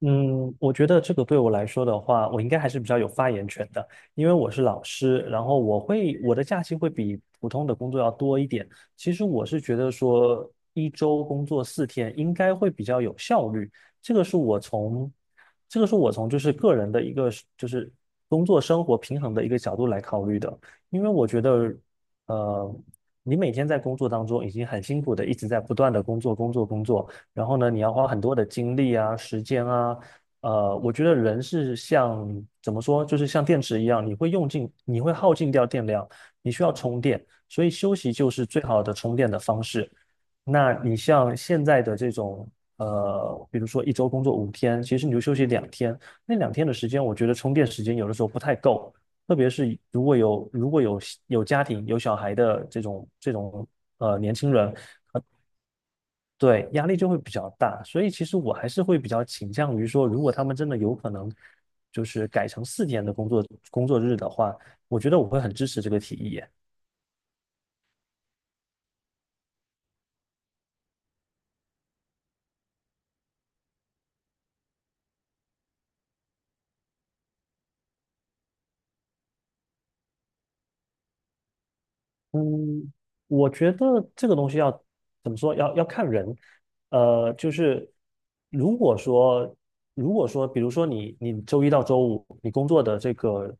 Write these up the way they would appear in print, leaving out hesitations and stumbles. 嗯，我觉得这个对我来说的话，我应该还是比较有发言权的，因为我是老师，然后我的假期会比普通的工作要多一点。其实我是觉得说一周工作四天应该会比较有效率，这个是我从这个是我从个人的一个就是工作生活平衡的一个角度来考虑的，因为我觉得呃，你每天在工作当中已经很辛苦的一直在不断的工作工作工作，然后呢，你要花很多的精力啊、时间啊，我觉得人是像怎么说，就是像电池一样，你会用尽，你会耗尽掉电量，你需要充电，所以休息就是最好的充电的方式。那你像现在的这种，比如说一周工作五天，其实你就休息两天，那两天的时间，我觉得充电时间有的时候不太够，特别是如果有有家庭有小孩的这种年轻人，对，压力就会比较大，所以其实我还是会比较倾向于说，如果他们真的有可能就是改成四天的工作工作日的话，我觉得我会很支持这个提议。嗯，我觉得这个东西要怎么说？要看人。呃，就是如果说，比如说你周一到周五你工作的这个，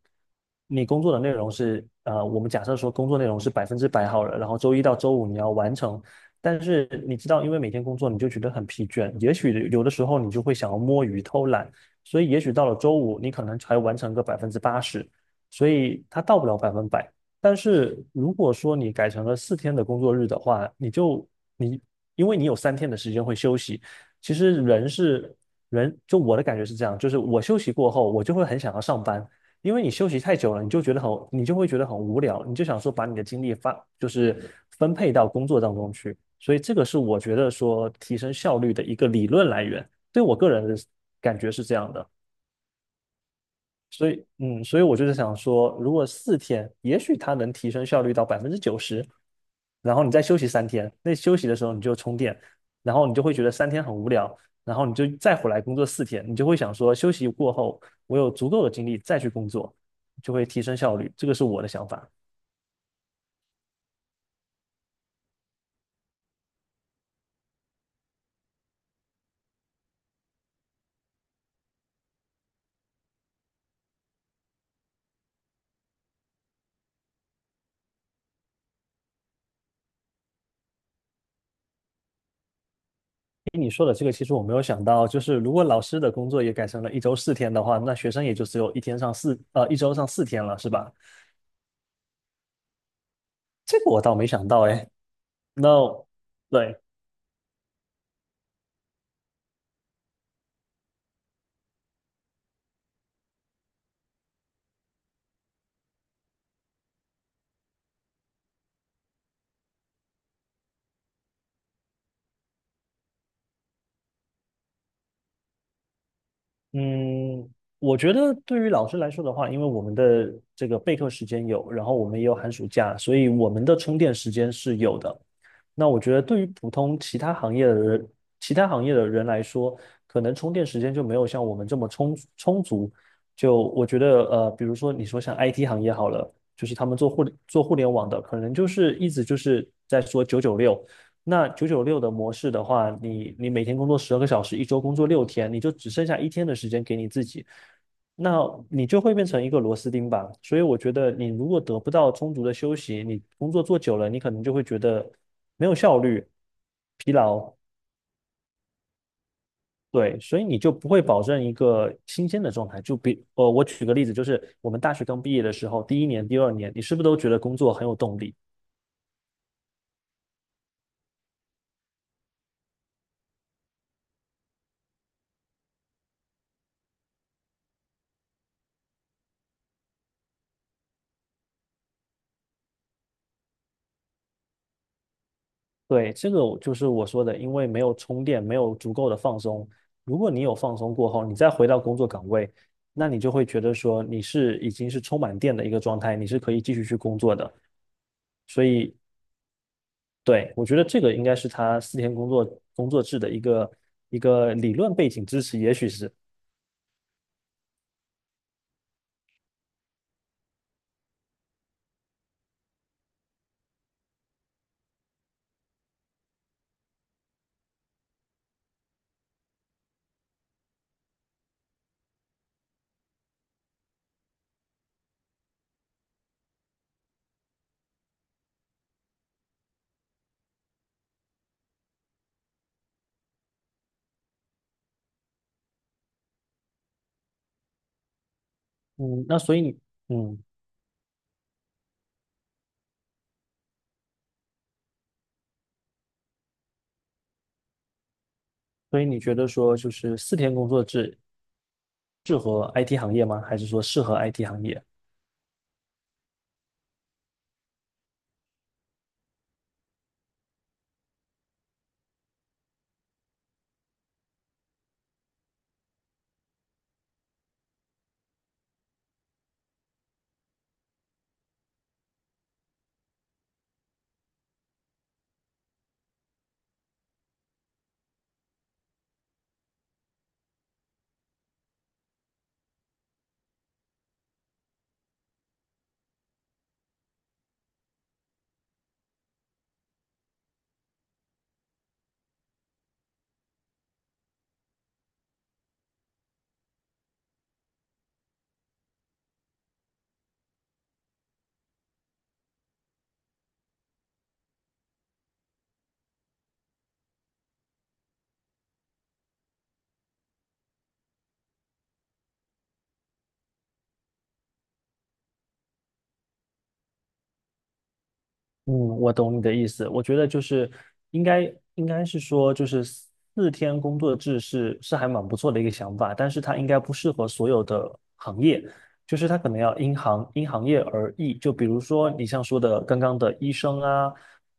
你工作的内容是我们假设说工作内容是百分之百好了，然后周一到周五你要完成。但是你知道，因为每天工作你就觉得很疲倦，也许有的时候你就会想要摸鱼偷懒，所以也许到了周五你可能才完成个百分之八十，所以它到不了百分百。但是如果说你改成了四天的工作日的话，你因为你有三天的时间会休息，其实人是人，就我的感觉是这样，就是我休息过后，我就会很想要上班，因为你休息太久了，你就会觉得很无聊，你就想说把你的精力发就是分配到工作当中去，所以这个是我觉得说提升效率的一个理论来源，对我个人的感觉是这样的。所以，嗯，所以我就是想说，如果四天，也许它能提升效率到百分之九十，然后你再休息三天，那休息的时候你就充电，然后你就会觉得三天很无聊，然后你就再回来工作四天，你就会想说，休息过后我有足够的精力再去工作，就会提升效率。这个是我的想法。听你说的这个，其实我没有想到，就是如果老师的工作也改成了一周四天的话，那学生也就只有一天上四，一周上四天了，是吧？这个我倒没想到，哎，那。对，嗯，我觉得对于老师来说的话，因为我们的这个备课时间有，然后我们也有寒暑假，所以我们的充电时间是有的。那我觉得对于普通其他行业的人，其他行业的人来说，可能充电时间就没有像我们这么充足。就我觉得，比如说你说像 IT 行业好了，就是他们做互联网的，可能就是一直就是在说九九六，那九九六的模式的话，你每天工作十二个小时，一周工作六天，你就只剩下一天的时间给你自己，那你就会变成一个螺丝钉吧。所以我觉得，你如果得不到充足的休息，你工作做久了，你可能就会觉得没有效率、疲劳，对，所以你就不会保证一个新鲜的状态。我举个例子，就是我们大学刚毕业的时候，第一年、第二年，你是不是都觉得工作很有动力？对，这个我就是我说的，因为没有充电，没有足够的放松。如果你有放松过后，你再回到工作岗位，那你就会觉得说你是已经是充满电的一个状态，你是可以继续去工作的。所以，对，我觉得这个应该是他四天工作工作制的一个理论背景支持，也许是，嗯，那所以你，嗯，所以你觉得说就是四天工作制适合 IT 行业吗？还是说适合 IT 行业？嗯，我懂你的意思。我觉得应该是说，就是四天工作制是还蛮不错的一个想法，但是它应该不适合所有的行业，就是它可能要因行业而异。就比如说你像说的刚刚的医生啊，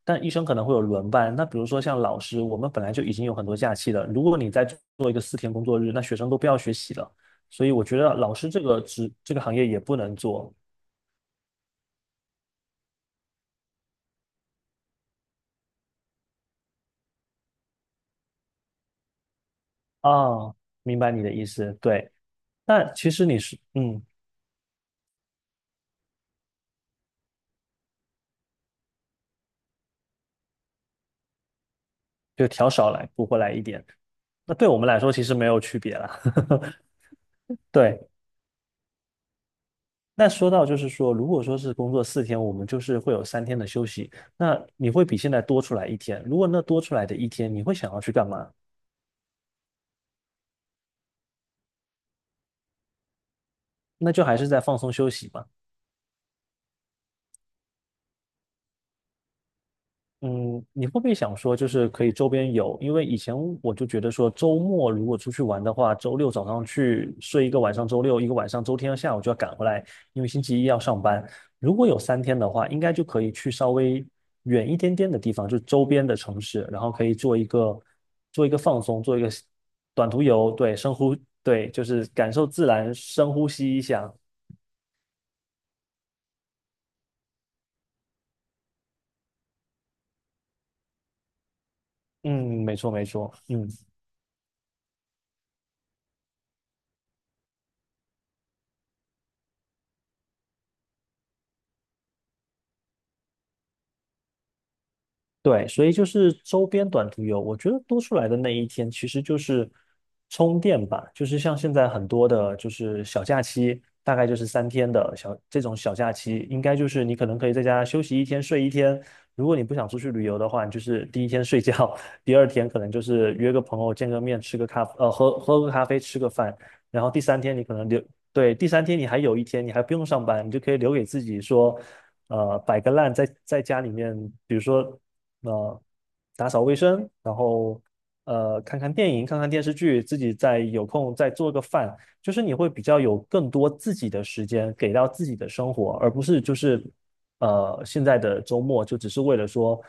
但医生可能会有轮班。那比如说像老师，我们本来就已经有很多假期了，如果你再做一个四天工作日，那学生都不要学习了。所以我觉得老师这个职这个行业也不能做啊。明白你的意思，对。那其实你是，嗯，就调少来，补回来一点。那对我们来说其实没有区别啦。对，那说到就是说，如果说是工作四天，我们就是会有三天的休息，那你会比现在多出来一天。如果那多出来的一天，你会想要去干嘛？那就还是在放松休息嘛。嗯，你会不会想说，就是可以周边游？因为以前我就觉得说，周末如果出去玩的话，周六早上去睡一个晚上，周六一个晚上，周天下午就要赶回来，因为星期一要上班。如果有三天的话，应该就可以去稍微远一点点的地方，就周边的城市，然后可以做一个放松，做一个短途游，对，对，就是感受自然，深呼吸一下。嗯，没错，没错，嗯。对，所以就是周边短途游，我觉得多出来的那一天其实就是充电吧，就是像现在很多的，就是小假期，大概就是三天的这种小假期，应该就是你可能可以在家休息一天，睡一天。如果你不想出去旅游的话，你就是第一天睡觉，第二天可能就是约个朋友见个面，吃个咖，呃，喝个咖啡，吃个饭，然后第三天你可能留，对，第三天你还有一天，你还不用上班，你就可以留给自己说。摆个烂在家里面，比如说呃，打扫卫生，然后看看电影，看看电视剧，自己再有空再做个饭，就是你会比较有更多自己的时间给到自己的生活，而不是就是现在的周末就只是为了说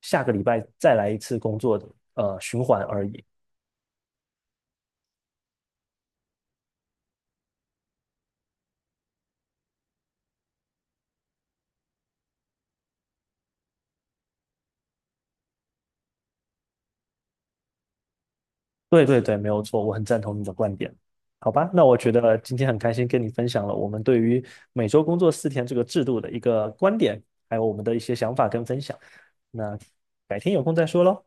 下个礼拜再来一次工作的循环而已。对对对，没有错，我很赞同你的观点。好吧，那我觉得今天很开心跟你分享了我们对于每周工作四天这个制度的一个观点，还有我们的一些想法跟分享。那改天有空再说喽。